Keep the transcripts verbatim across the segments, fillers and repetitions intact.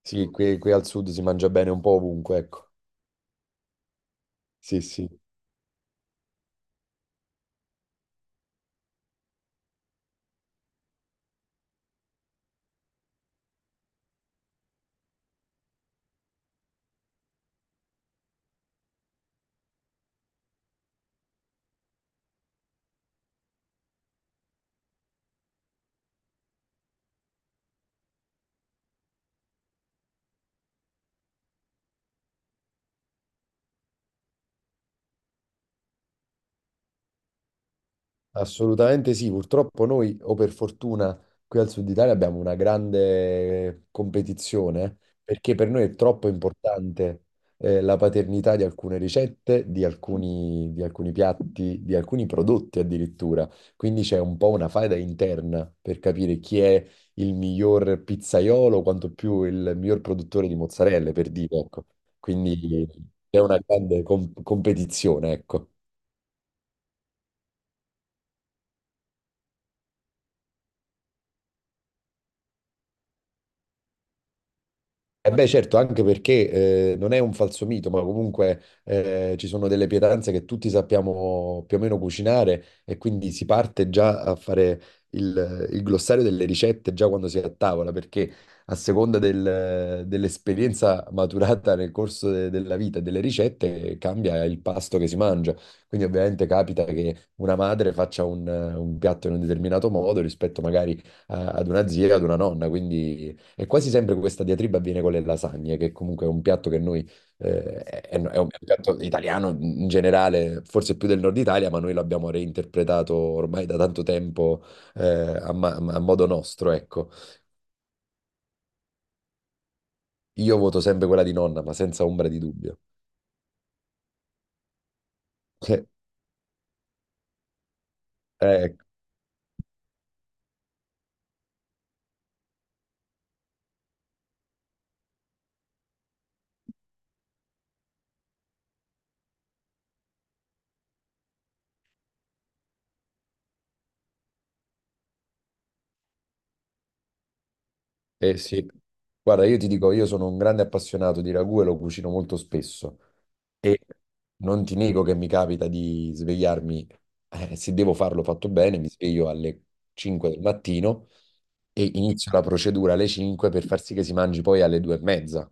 Sì, qui, qui al sud si mangia bene un po' ovunque, ecco. Sì, sì. Assolutamente sì, purtroppo noi, o per fortuna, qui al Sud Italia abbiamo una grande competizione, eh, perché per noi è troppo importante, eh, la paternità di alcune ricette, di alcuni, di alcuni piatti, di alcuni prodotti addirittura. Quindi c'è un po' una faida interna per capire chi è il miglior pizzaiolo, quanto più il miglior produttore di mozzarelle, per dire, ecco. Quindi c'è una grande com- competizione, ecco. Eh beh, certo, anche perché eh, non è un falso mito, ma comunque eh, ci sono delle pietanze che tutti sappiamo più o meno cucinare, e quindi si parte già a fare il, il glossario delle ricette già quando si è a tavola, perché a seconda del- dell'esperienza maturata nel corso de- della vita e delle ricette cambia il pasto che si mangia. Quindi ovviamente capita che una madre faccia un, un piatto in un determinato modo rispetto magari a- ad una zia, ad una nonna, quindi... E quasi sempre questa diatriba avviene con le lasagne, che comunque è un piatto che noi, eh, è, è un è un piatto italiano in generale, forse più del nord Italia, ma noi l'abbiamo reinterpretato ormai da tanto tempo, eh, a, ma- a modo nostro, ecco. Io voto sempre quella di nonna, ma senza ombra di dubbio. Eh, eh, eh, sì. Guarda, io ti dico, io sono un grande appassionato di ragù e lo cucino molto spesso. E non ti nego che mi capita di svegliarmi, eh, se devo farlo fatto bene, mi sveglio alle cinque del mattino e inizio la procedura alle cinque per far sì che si mangi poi alle due e mezza.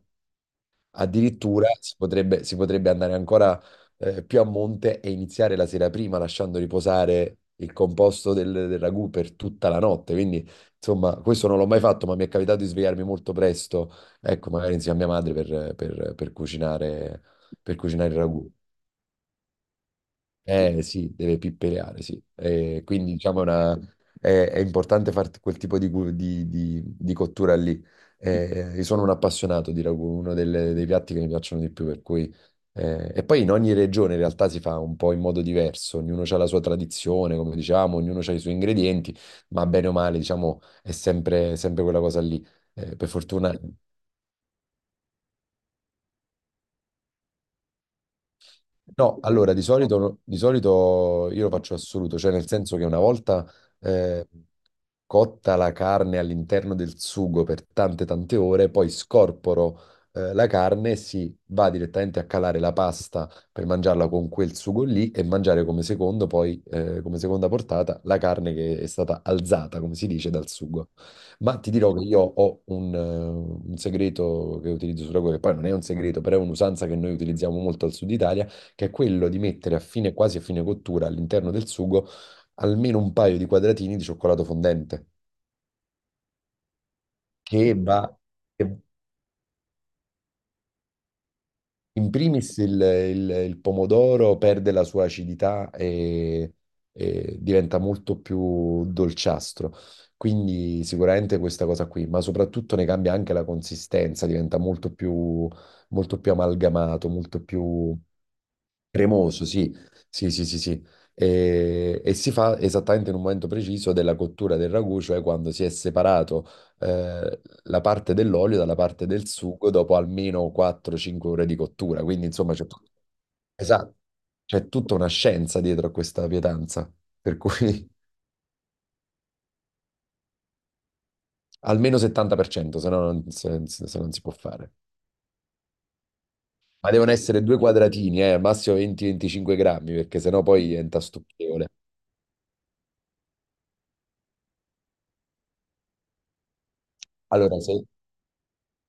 Addirittura si potrebbe, si potrebbe andare ancora eh, più a monte e iniziare la sera prima lasciando riposare il composto del, del ragù per tutta la notte. Quindi, insomma, questo non l'ho mai fatto, ma mi è capitato di svegliarmi molto presto, ecco, magari insieme a mia madre per, per- per cucinare, per cucinare il ragù. Eh sì, deve pippereare, sì. Eh, quindi diciamo una... è, è importante fare quel tipo di, cu- di- di- di cottura lì. Eh, io sono un appassionato di ragù, uno delle- dei piatti che mi piacciono di più, per cui... eh, e poi in ogni regione in realtà si fa un po' in modo diverso, ognuno ha la sua tradizione, come diciamo, ognuno ha i suoi ingredienti, ma bene o male, diciamo, è sempre, sempre quella cosa lì. Eh, per fortuna. No, allora di solito, no- di solito io lo faccio assoluto, cioè nel senso che una volta eh, cotta la carne all'interno del sugo per tante tante ore, poi scorporo eh, la carne e si va direttamente a calare la pasta per mangiarla con quel sugo lì e mangiare come secondo, poi eh, come seconda portata la carne che è stata alzata, come si dice, dal sugo. Ma ti dirò che io ho un, eh, un segreto che utilizzo sulla cuoca, che poi non è un segreto, però è un'usanza che noi utilizziamo molto al sud Italia, che è quello di mettere a fine, quasi a fine cottura all'interno del sugo almeno un paio di quadratini di cioccolato fondente, che va, che in primis il, il- il pomodoro perde la sua acidità, e, e diventa molto più dolciastro. Quindi sicuramente questa cosa qui, ma soprattutto ne cambia anche la consistenza, diventa molto più, molto più amalgamato, molto più... Cremoso, sì, sì, sì, sì, sì. E, e si fa esattamente in un momento preciso della cottura del ragù, cioè quando si è separato eh, la parte dell'olio dalla parte del sugo dopo almeno quattro cinque ore di cottura. Quindi, insomma, c'è tut- esatto, c'è tutta una scienza dietro a questa pietanza, per cui... almeno settanta per cento, se no non, se- se- se non si può fare. Ma devono essere due quadratini, eh, al massimo venti venticinque grammi, perché sennò poi diventa stucchevole. Allora, se,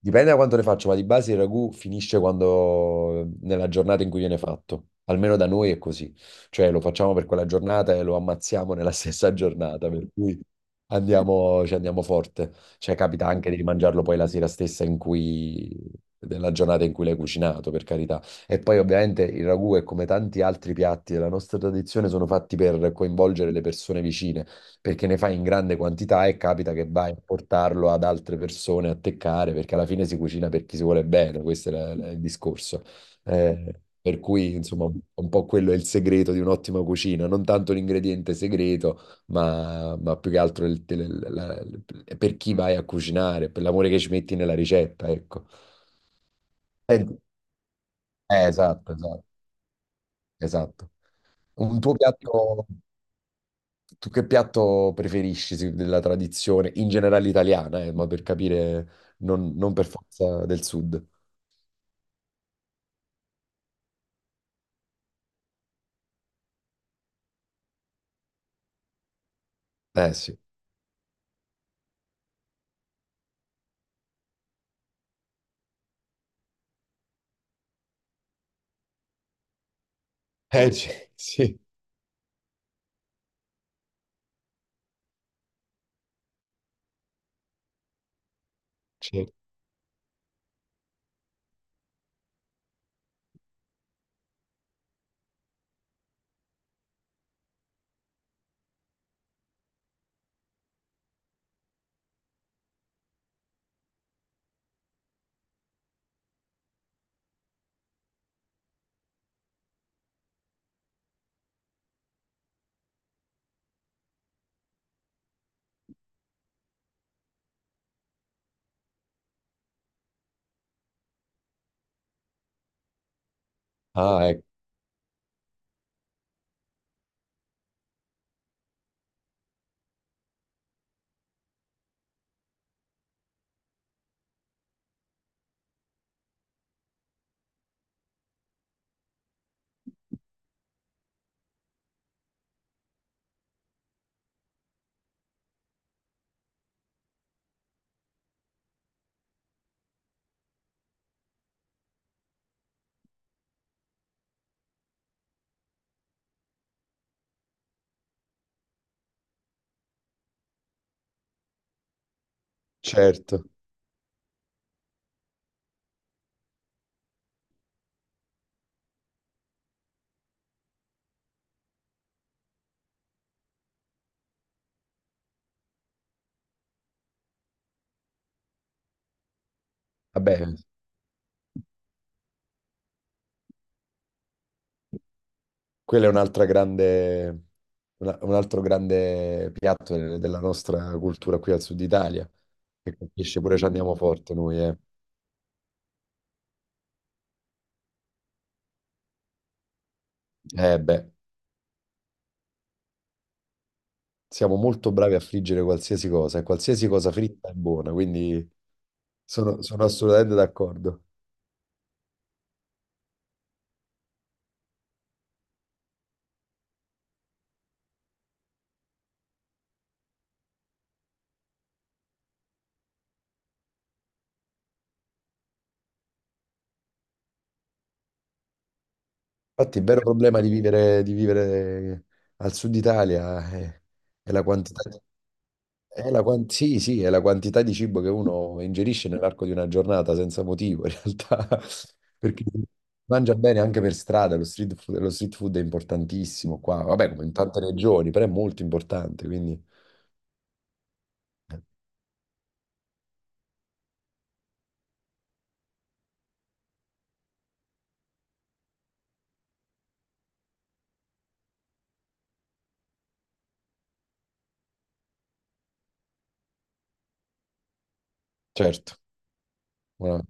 Dipende da quanto ne faccio, ma di base il ragù finisce quando, nella giornata in cui viene fatto. Almeno da noi è così. Cioè lo facciamo per quella giornata e lo ammazziamo nella stessa giornata, per cui andiamo, ci andiamo forte. Cioè capita anche di mangiarlo poi la sera stessa in cui, della giornata in cui l'hai cucinato, per carità. E poi ovviamente il ragù è come tanti altri piatti della nostra tradizione, sono fatti per coinvolgere le persone vicine, perché ne fai in grande quantità e capita che vai a portarlo ad altre persone a teccare, perché alla fine si cucina per chi si vuole bene, questo è la- la- il discorso. Eh, per cui, insomma, un po' quello è il segreto di un'ottima cucina, non tanto l'ingrediente segreto, ma, ma più che altro il- il- la- la- per chi vai a cucinare, per l'amore che ci metti nella ricetta, ecco. Eh, eh, esatto, esatto, esatto. Un tuo piatto. Tu che piatto preferisci se- della tradizione in generale italiana, eh, ma per capire, non, non per forza del sud. Eh sì. Eh c- sì, certo. Ah, ecco, certo. Vabbè, quello è un'altra grande, una- un altro grande piatto de- della nostra cultura qui al sud Italia, che colpisce pure, ci andiamo forte noi, eh. Eh beh, siamo molto bravi a friggere qualsiasi cosa, e qualsiasi cosa fritta è buona, quindi sono sono assolutamente d'accordo. Infatti, il vero problema di vivere, di vivere al sud Italia è, è la quantità, di, è la quan- sì, sì, è la quantità di cibo che uno ingerisce nell'arco di una giornata senza motivo, in realtà, perché si mangia bene anche per strada, lo street food, lo street food è importantissimo qua, vabbè, come in tante regioni, però è molto importante, quindi certo, una-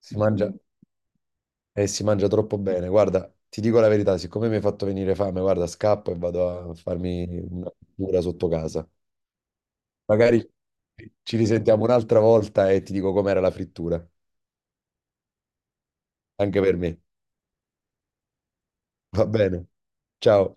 si mangia, e si mangia troppo bene. Guarda, ti dico la verità, siccome mi hai fatto venire fame, guarda, scappo e vado a farmi una cura sotto casa. Magari ci risentiamo un'altra volta e ti dico com'era la frittura, anche per me. Va bene. Ciao.